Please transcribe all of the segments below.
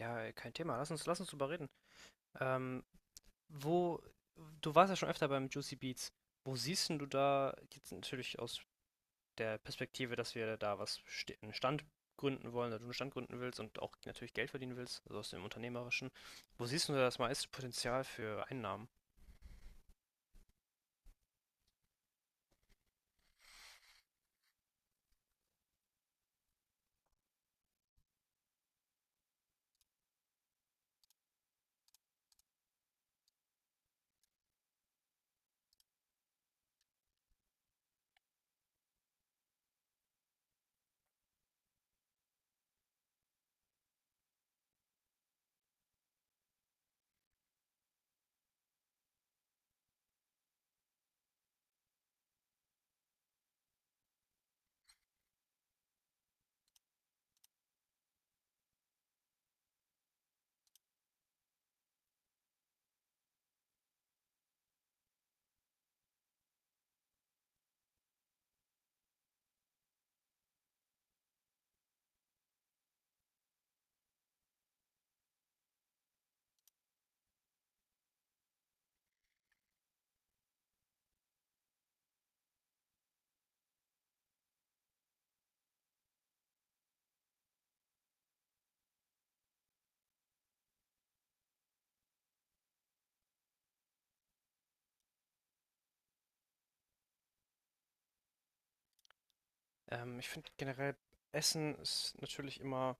Ja, kein Thema. Lass uns drüber reden. Ähm, wo, du warst ja schon öfter beim Juicy Beats. Wo siehst denn du da, jetzt natürlich aus der Perspektive, dass wir da einen Stand gründen wollen, oder du einen Stand gründen willst und auch natürlich Geld verdienen willst, also aus dem Unternehmerischen. Wo siehst du da das meiste Potenzial für Einnahmen? Ich finde generell, Essen ist natürlich immer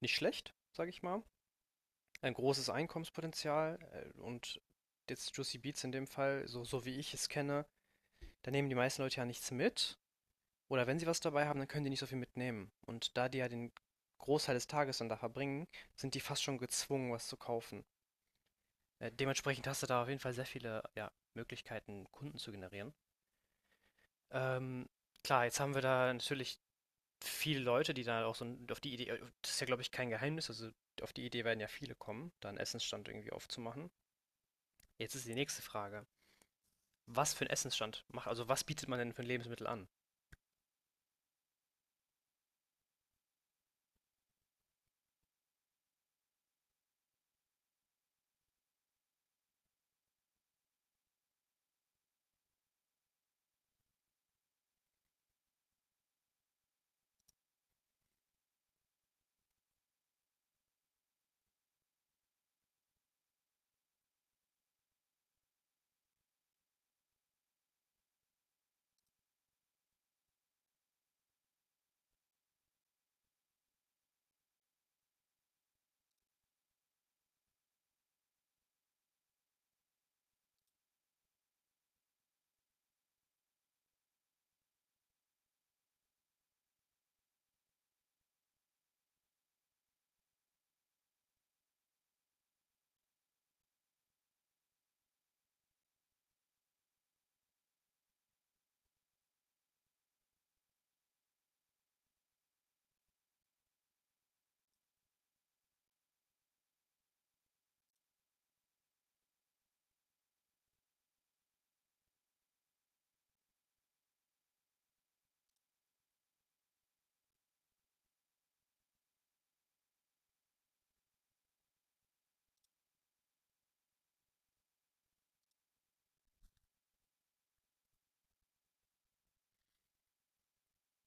nicht schlecht, sage ich mal. Ein großes Einkommenspotenzial und jetzt Juicy Beats in dem Fall, so wie ich es kenne, da nehmen die meisten Leute ja nichts mit. Oder wenn sie was dabei haben, dann können die nicht so viel mitnehmen. Und da die ja den Großteil des Tages dann da verbringen, sind die fast schon gezwungen, was zu kaufen. Dementsprechend hast du da auf jeden Fall sehr viele ja, Möglichkeiten, Kunden zu generieren. Ähm, klar, jetzt haben wir da natürlich viele Leute, die da auch so das ist ja, glaube ich, kein Geheimnis, also auf die Idee werden ja viele kommen, da einen Essensstand irgendwie aufzumachen. Jetzt ist die nächste Frage. Was für einen Essensstand macht, also was bietet man denn für ein Lebensmittel an?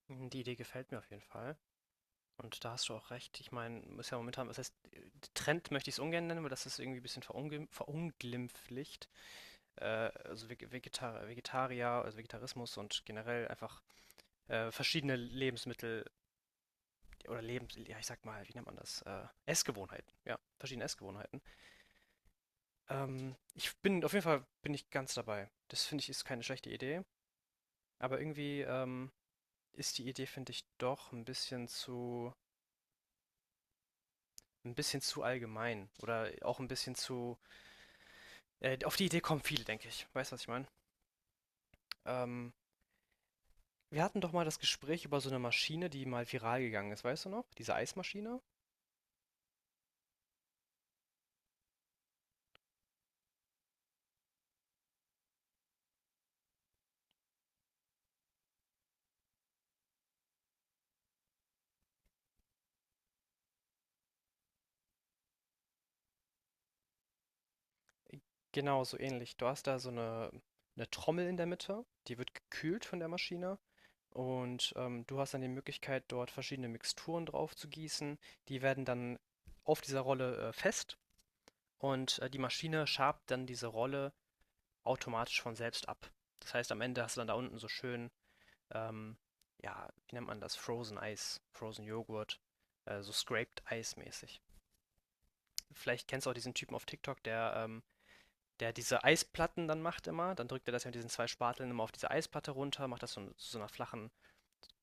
Hm, die Idee gefällt mir auf jeden Fall. Und da hast du auch recht. Ich meine, ist ja momentan, was heißt, Trend möchte ich es ungern nennen, weil das ist irgendwie ein bisschen verunglimpflicht. Äh, also Vegetarier, also Vegetarismus und generell einfach verschiedene Lebensmittel oder ja, ich sag mal, wie nennt man das? Essgewohnheiten. Ja, verschiedene Essgewohnheiten. Auf jeden Fall bin ich ganz dabei. Das finde ich ist keine schlechte Idee. Aber irgendwie ist die Idee, finde ich, doch ein bisschen zu allgemein oder auch ein bisschen zu auf die Idee kommen viele, denke ich. Weißt du, was ich meine? Ähm, wir hatten doch mal das Gespräch über so eine Maschine, die mal viral gegangen ist, weißt du noch? Diese Eismaschine? Genau, so ähnlich. Du hast da so eine Trommel in der Mitte, die wird gekühlt von der Maschine und, du hast dann die Möglichkeit, dort verschiedene Mixturen drauf zu gießen. Die werden dann auf dieser Rolle, fest und, die Maschine schabt dann diese Rolle automatisch von selbst ab. Das heißt, am Ende hast du dann da unten so schön, ähm, ja, wie nennt man das? Frozen Eis, Frozen Joghurt, so scraped Ice mäßig. Vielleicht kennst du auch diesen Typen auf TikTok, der diese Eisplatten dann macht immer. Dann drückt er das ja mit diesen zwei Spateln immer auf diese Eisplatte runter, macht das so, zu so einer flachen,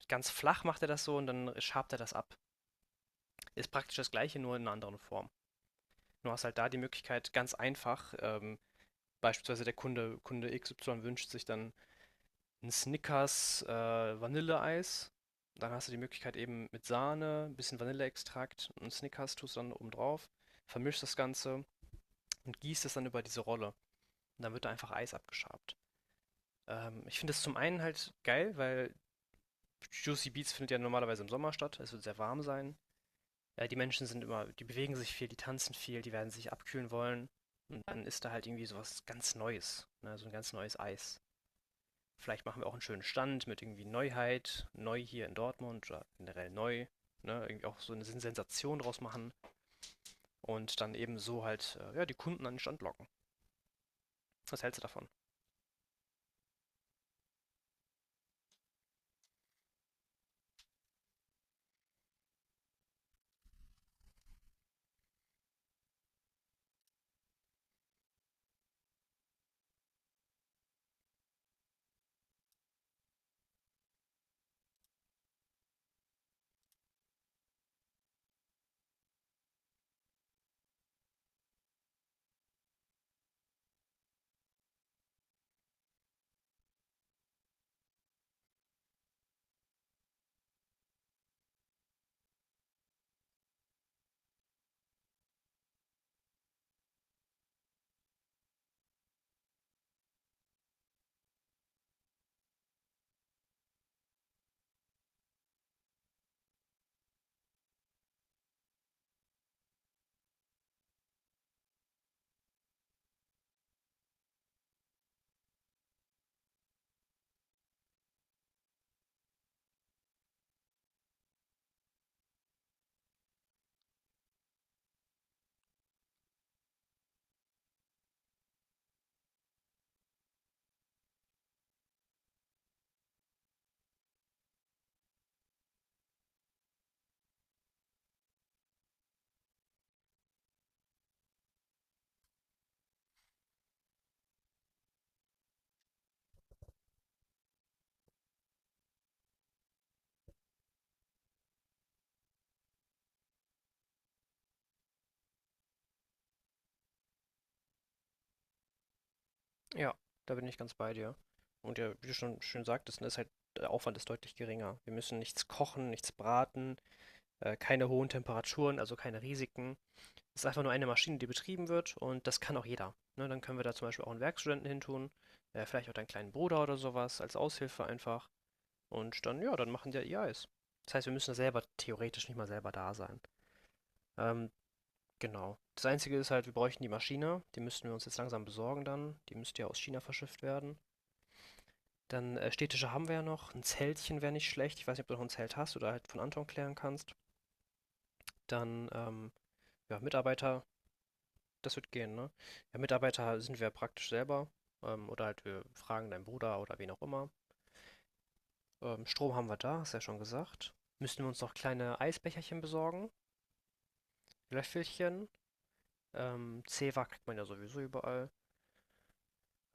ganz flach macht er das so und dann schabt er das ab. Ist praktisch das gleiche, nur in einer anderen Form. Du hast halt da die Möglichkeit, ganz einfach, beispielsweise Kunde X XY wünscht sich dann ein Snickers Vanilleeis. Dann hast du die Möglichkeit eben mit Sahne, ein bisschen Vanilleextrakt und Snickers tust du dann oben drauf, vermischst das Ganze und gießt es dann über diese Rolle. Und dann wird da einfach Eis abgeschabt. Ich finde es zum einen halt geil, weil Juicy Beats findet ja normalerweise im Sommer statt. Es wird sehr warm sein. Die Menschen sind immer, die bewegen sich viel, die tanzen viel, die werden sich abkühlen wollen. Und dann ist da halt irgendwie sowas ganz Neues, ne? So ein ganz neues Eis. Vielleicht machen wir auch einen schönen Stand mit irgendwie Neuheit, neu hier in Dortmund oder generell neu. Ne? Irgendwie auch so eine Sensation draus machen und dann eben so halt ja, die Kunden an den Stand locken. Was hältst du davon? Ja, da bin ich ganz bei dir. Und ja, wie du schon schön sagtest, ne, ist halt der Aufwand ist deutlich geringer. Wir müssen nichts kochen, nichts braten, keine hohen Temperaturen, also keine Risiken. Es ist einfach nur eine Maschine, die betrieben wird und das kann auch jeder. Ne, dann können wir da zum Beispiel auch einen Werkstudenten hintun, vielleicht auch deinen kleinen Bruder oder sowas, als Aushilfe einfach. Und dann, ja, dann machen die ja ihr Eis. Das heißt, wir müssen da selber theoretisch nicht mal selber da sein. Ähm, genau. Das Einzige ist halt, wir bräuchten die Maschine. Die müssten wir uns jetzt langsam besorgen dann. Die müsste ja aus China verschifft werden. Dann, Städtische haben wir ja noch. Ein Zeltchen wäre nicht schlecht. Ich weiß nicht, ob du noch 'n Zelt hast oder halt von Anton klären kannst. Dann, ja, Mitarbeiter, das wird gehen, ne? Ja, Mitarbeiter sind wir praktisch selber, oder halt wir fragen deinen Bruder oder wen auch immer. Strom haben wir da, hast du ja schon gesagt. Müssten wir uns noch kleine Eisbecherchen besorgen, Löffelchen. Zewa kriegt man ja sowieso überall.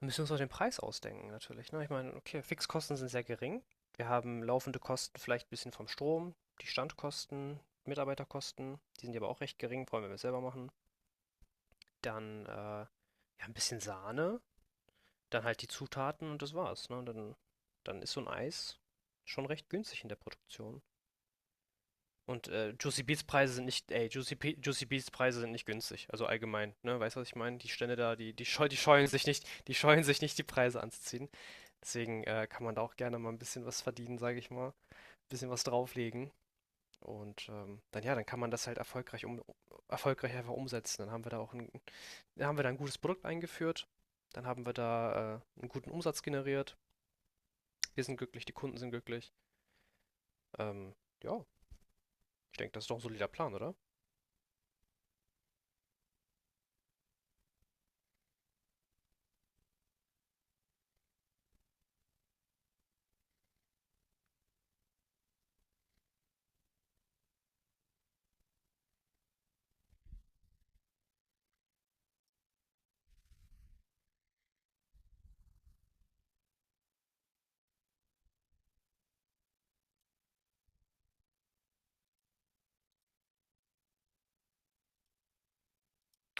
Müssen wir müssen uns noch den Preis ausdenken, natürlich. Ne? Ich meine, okay, Fixkosten sind sehr gering. Wir haben laufende Kosten vielleicht ein bisschen vom Strom, die Standkosten, Mitarbeiterkosten, die sind ja aber auch recht gering, vor allem wenn wir es selber machen. Dann ja, ein bisschen Sahne, dann halt die Zutaten und das war's. Ne? Dann ist so ein Eis schon recht günstig in der Produktion. Und Juicy Beats Preise sind nicht, ey, Juicy, Pe- Juicy Beats Preise sind nicht günstig. Also allgemein, ne, weißt du, was ich meine? Die Stände da, die scheuen sich nicht, die scheuen sich nicht, die Preise anzuziehen. Deswegen kann man da auch gerne mal ein bisschen was verdienen, sage ich mal, ein bisschen was drauflegen. Und dann ja, dann kann man das halt erfolgreich einfach umsetzen. Dann haben wir da auch dann haben wir da ein gutes Produkt eingeführt, dann haben wir da einen guten Umsatz generiert. Wir sind glücklich, die Kunden sind glücklich. Ähm, ja, ich denke, das ist doch ein solider Plan, oder?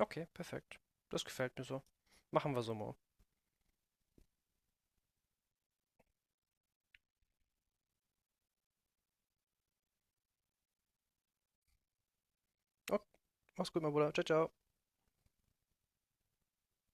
Okay, perfekt. Das gefällt mir so. Machen wir so mal. Okay. Mach's gut, mein Bruder. Ciao, ciao.